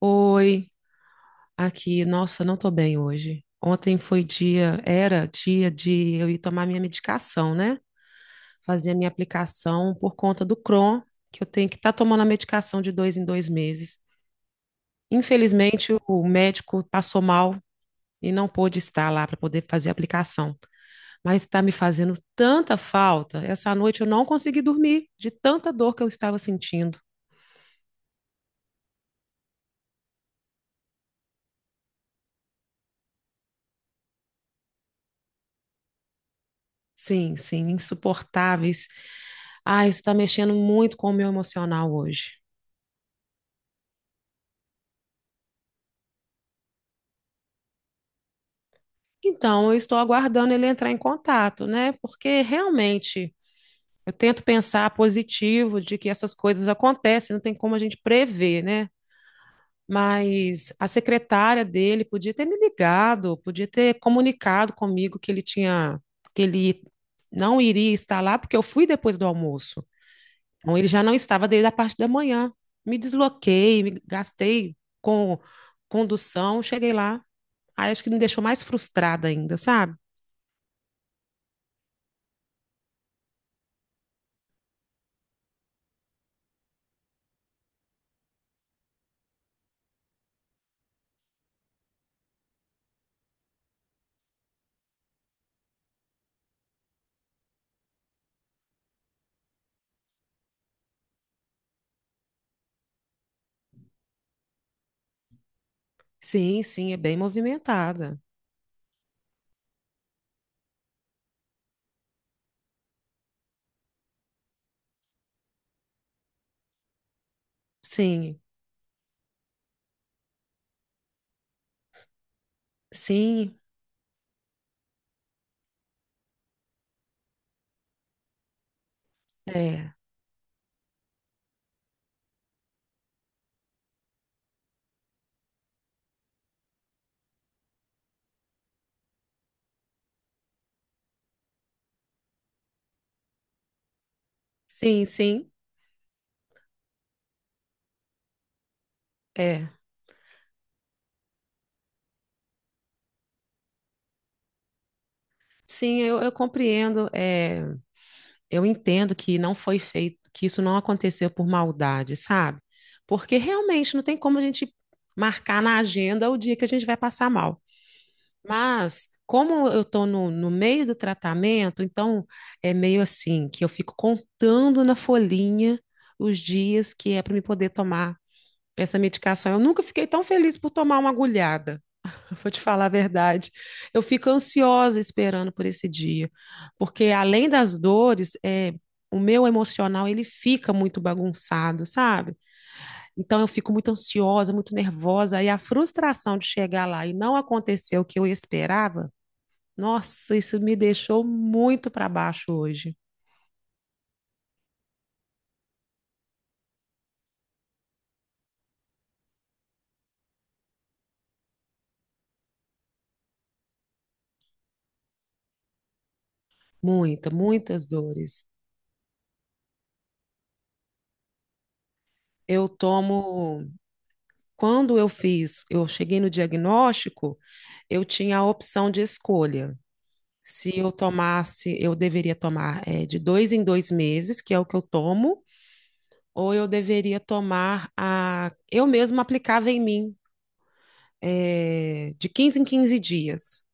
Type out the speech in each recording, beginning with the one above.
Oi, aqui. Nossa, não tô bem hoje. Ontem era dia de eu ir tomar minha medicação, né? Fazer a minha aplicação por conta do Crohn, que eu tenho que estar tomando a medicação de 2 em 2 meses. Infelizmente, o médico passou mal e não pôde estar lá para poder fazer a aplicação. Mas está me fazendo tanta falta. Essa noite eu não consegui dormir de tanta dor que eu estava sentindo. Sim, sim, insuportáveis. Ah, isso está mexendo muito com o meu emocional hoje. Então, eu estou aguardando ele entrar em contato, né? Porque realmente eu tento pensar positivo de que essas coisas acontecem, não tem como a gente prever, né? Mas a secretária dele podia ter me ligado, podia ter comunicado comigo que ele não iria estar lá, porque eu fui depois do almoço. Então, ele já não estava desde a parte da manhã. Me desloquei, me gastei com condução, cheguei lá. Aí acho que me deixou mais frustrada ainda, sabe? Sim, sim, é bem movimentada. Sim, sim, é. Sim, sim, é. Sim, eu compreendo. É, eu entendo que não foi feito, que isso não aconteceu por maldade, sabe? Porque realmente não tem como a gente marcar na agenda o dia que a gente vai passar mal. Mas, como eu estou no meio do tratamento, então é meio assim que eu fico contando na folhinha os dias que é para me poder tomar essa medicação. Eu nunca fiquei tão feliz por tomar uma agulhada, vou te falar a verdade. Eu fico ansiosa esperando por esse dia, porque além das dores, o meu emocional ele fica muito bagunçado, sabe? Então eu fico muito ansiosa, muito nervosa, e a frustração de chegar lá e não acontecer o que eu esperava. Nossa, isso me deixou muito para baixo hoje. Muita, muitas dores. Eu tomo. Quando eu fiz, eu cheguei no diagnóstico, eu tinha a opção de escolha. Se eu tomasse, eu deveria tomar de 2 em 2 meses, que é o que eu tomo, ou eu deveria tomar a. Eu mesma aplicava em mim, de 15 em 15 dias.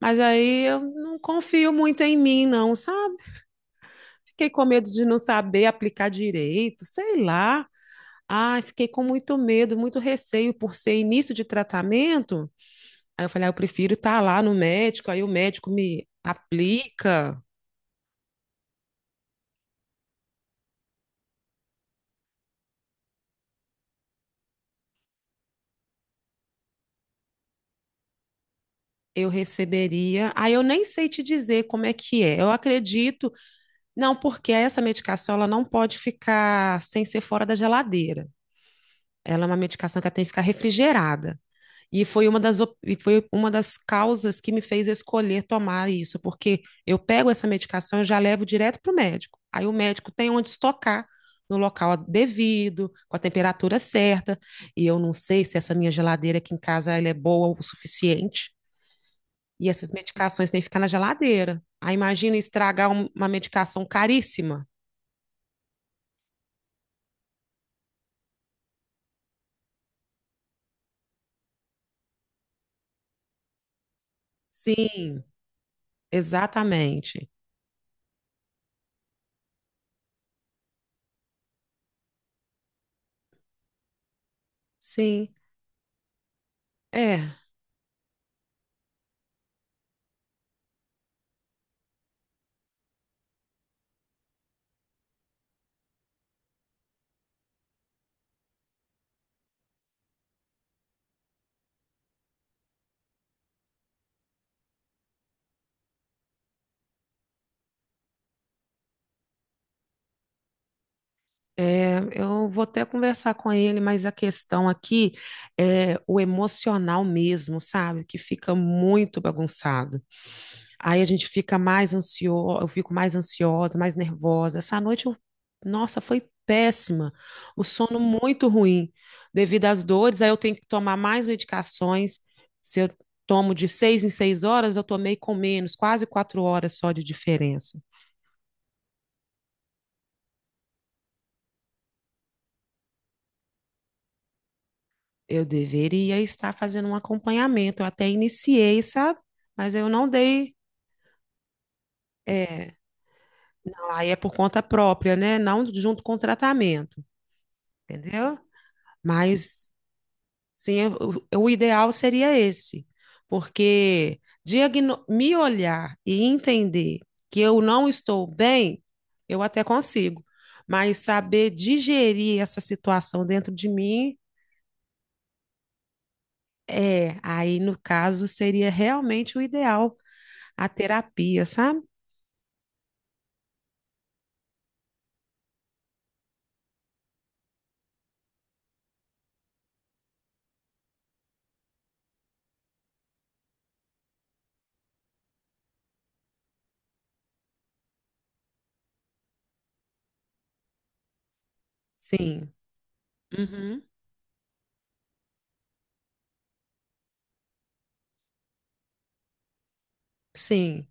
Mas aí eu não confio muito em mim, não, sabe? Fiquei com medo de não saber aplicar direito, sei lá. Ai, fiquei com muito medo, muito receio por ser início de tratamento. Aí eu falei, ah, eu prefiro estar lá no médico, aí o médico me aplica, eu receberia. Aí eu nem sei te dizer como é que é. Eu acredito, não, porque essa medicação ela não pode ficar sem ser fora da geladeira. Ela é uma medicação que ela tem que ficar refrigerada. E foi uma das causas que me fez escolher tomar isso, porque eu pego essa medicação e já levo direto para o médico. Aí o médico tem onde estocar no local devido, com a temperatura certa. E eu não sei se essa minha geladeira aqui em casa ela é boa o suficiente. E essas medicações têm que ficar na geladeira. Aí imagina estragar uma medicação caríssima. Sim, exatamente. Sim, é. É, eu vou até conversar com ele, mas a questão aqui é o emocional mesmo, sabe? Que fica muito bagunçado. Aí a gente fica mais ansioso, eu fico mais ansiosa, mais nervosa. Essa noite, nossa, foi péssima. O sono muito ruim. Devido às dores, aí eu tenho que tomar mais medicações. Se eu tomo de 6 em 6 horas, eu tomei com menos, quase 4 horas só de diferença. Eu deveria estar fazendo um acompanhamento. Eu até iniciei, sabe? Mas eu não dei. É, não, aí é por conta própria, né? Não junto com o tratamento, entendeu? Mas sim, o ideal seria esse, porque me olhar e entender que eu não estou bem, eu até consigo. Mas saber digerir essa situação dentro de mim, aí no caso seria realmente o ideal. A terapia, sabe? Sim. Uhum. Sim.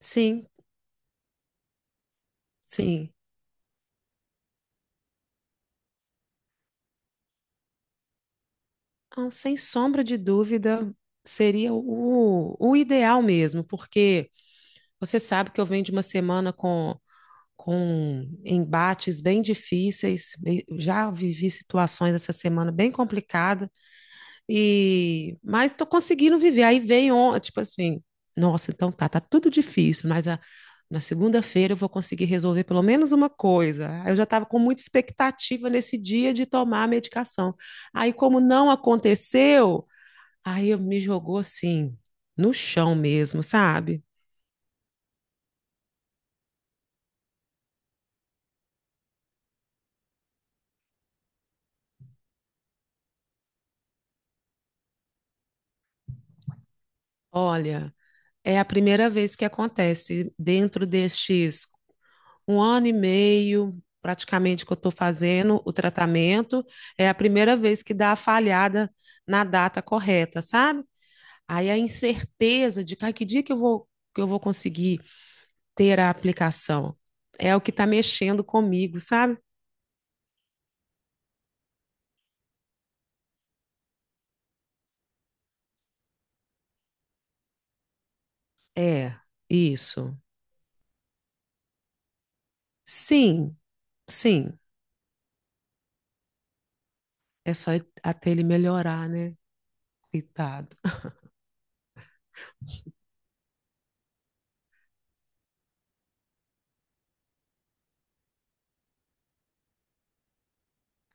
Sim. Sim. Então, sem sombra de dúvida, seria o ideal mesmo, porque você sabe que eu venho de uma semana com embates bem difíceis, e já vivi situações essa semana bem complicada, mas tô conseguindo viver. Aí veio, tipo assim, nossa, então tá tudo difícil, mas na segunda-feira eu vou conseguir resolver pelo menos uma coisa. Aí eu já estava com muita expectativa nesse dia de tomar a medicação. Aí, como não aconteceu, aí eu me jogou assim, no chão mesmo, sabe? Olha, é a primeira vez que acontece dentro destes um ano e meio, praticamente, que eu estou fazendo o tratamento. É a primeira vez que dá a falhada na data correta, sabe? Aí a incerteza de cara, que dia que eu vou conseguir ter a aplicação é o que está mexendo comigo, sabe? É, isso. Sim, sim. É só até ele melhorar, né? Coitado.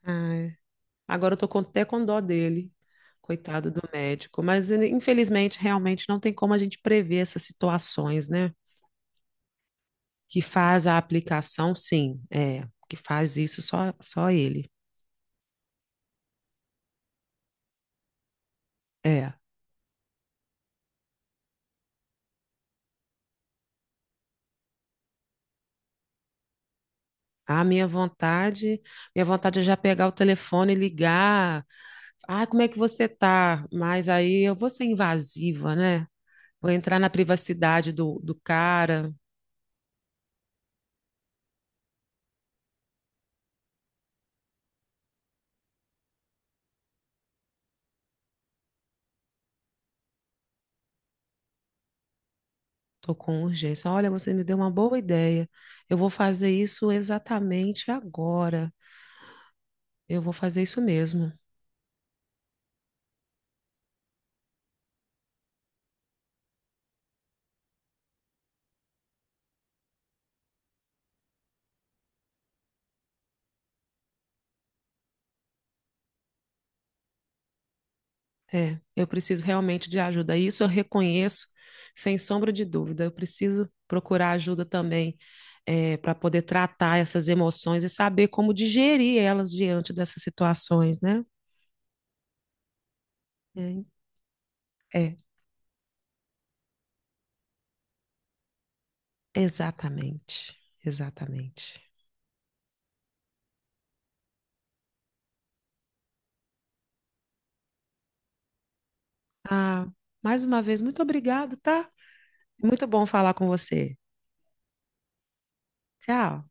Ai. Agora eu tô até com dó dele, coitado do médico. Mas ele, infelizmente, realmente não tem como a gente prever essas situações, né? Que faz a aplicação, sim, é. Que faz isso só ele. É. A minha vontade é já pegar o telefone e ligar. Ah, como é que você tá? Mas aí eu vou ser invasiva, né? Vou entrar na privacidade do cara. Tô com urgência. Olha, você me deu uma boa ideia. Eu vou fazer isso exatamente agora. Eu vou fazer isso mesmo. É, eu preciso realmente de ajuda. Isso eu reconheço, sem sombra de dúvida. Eu preciso procurar ajuda também, para poder tratar essas emoções e saber como digerir elas diante dessas situações, né? É, é, exatamente. Exatamente. Ah, mais uma vez, muito obrigado, tá? Muito bom falar com você. Tchau.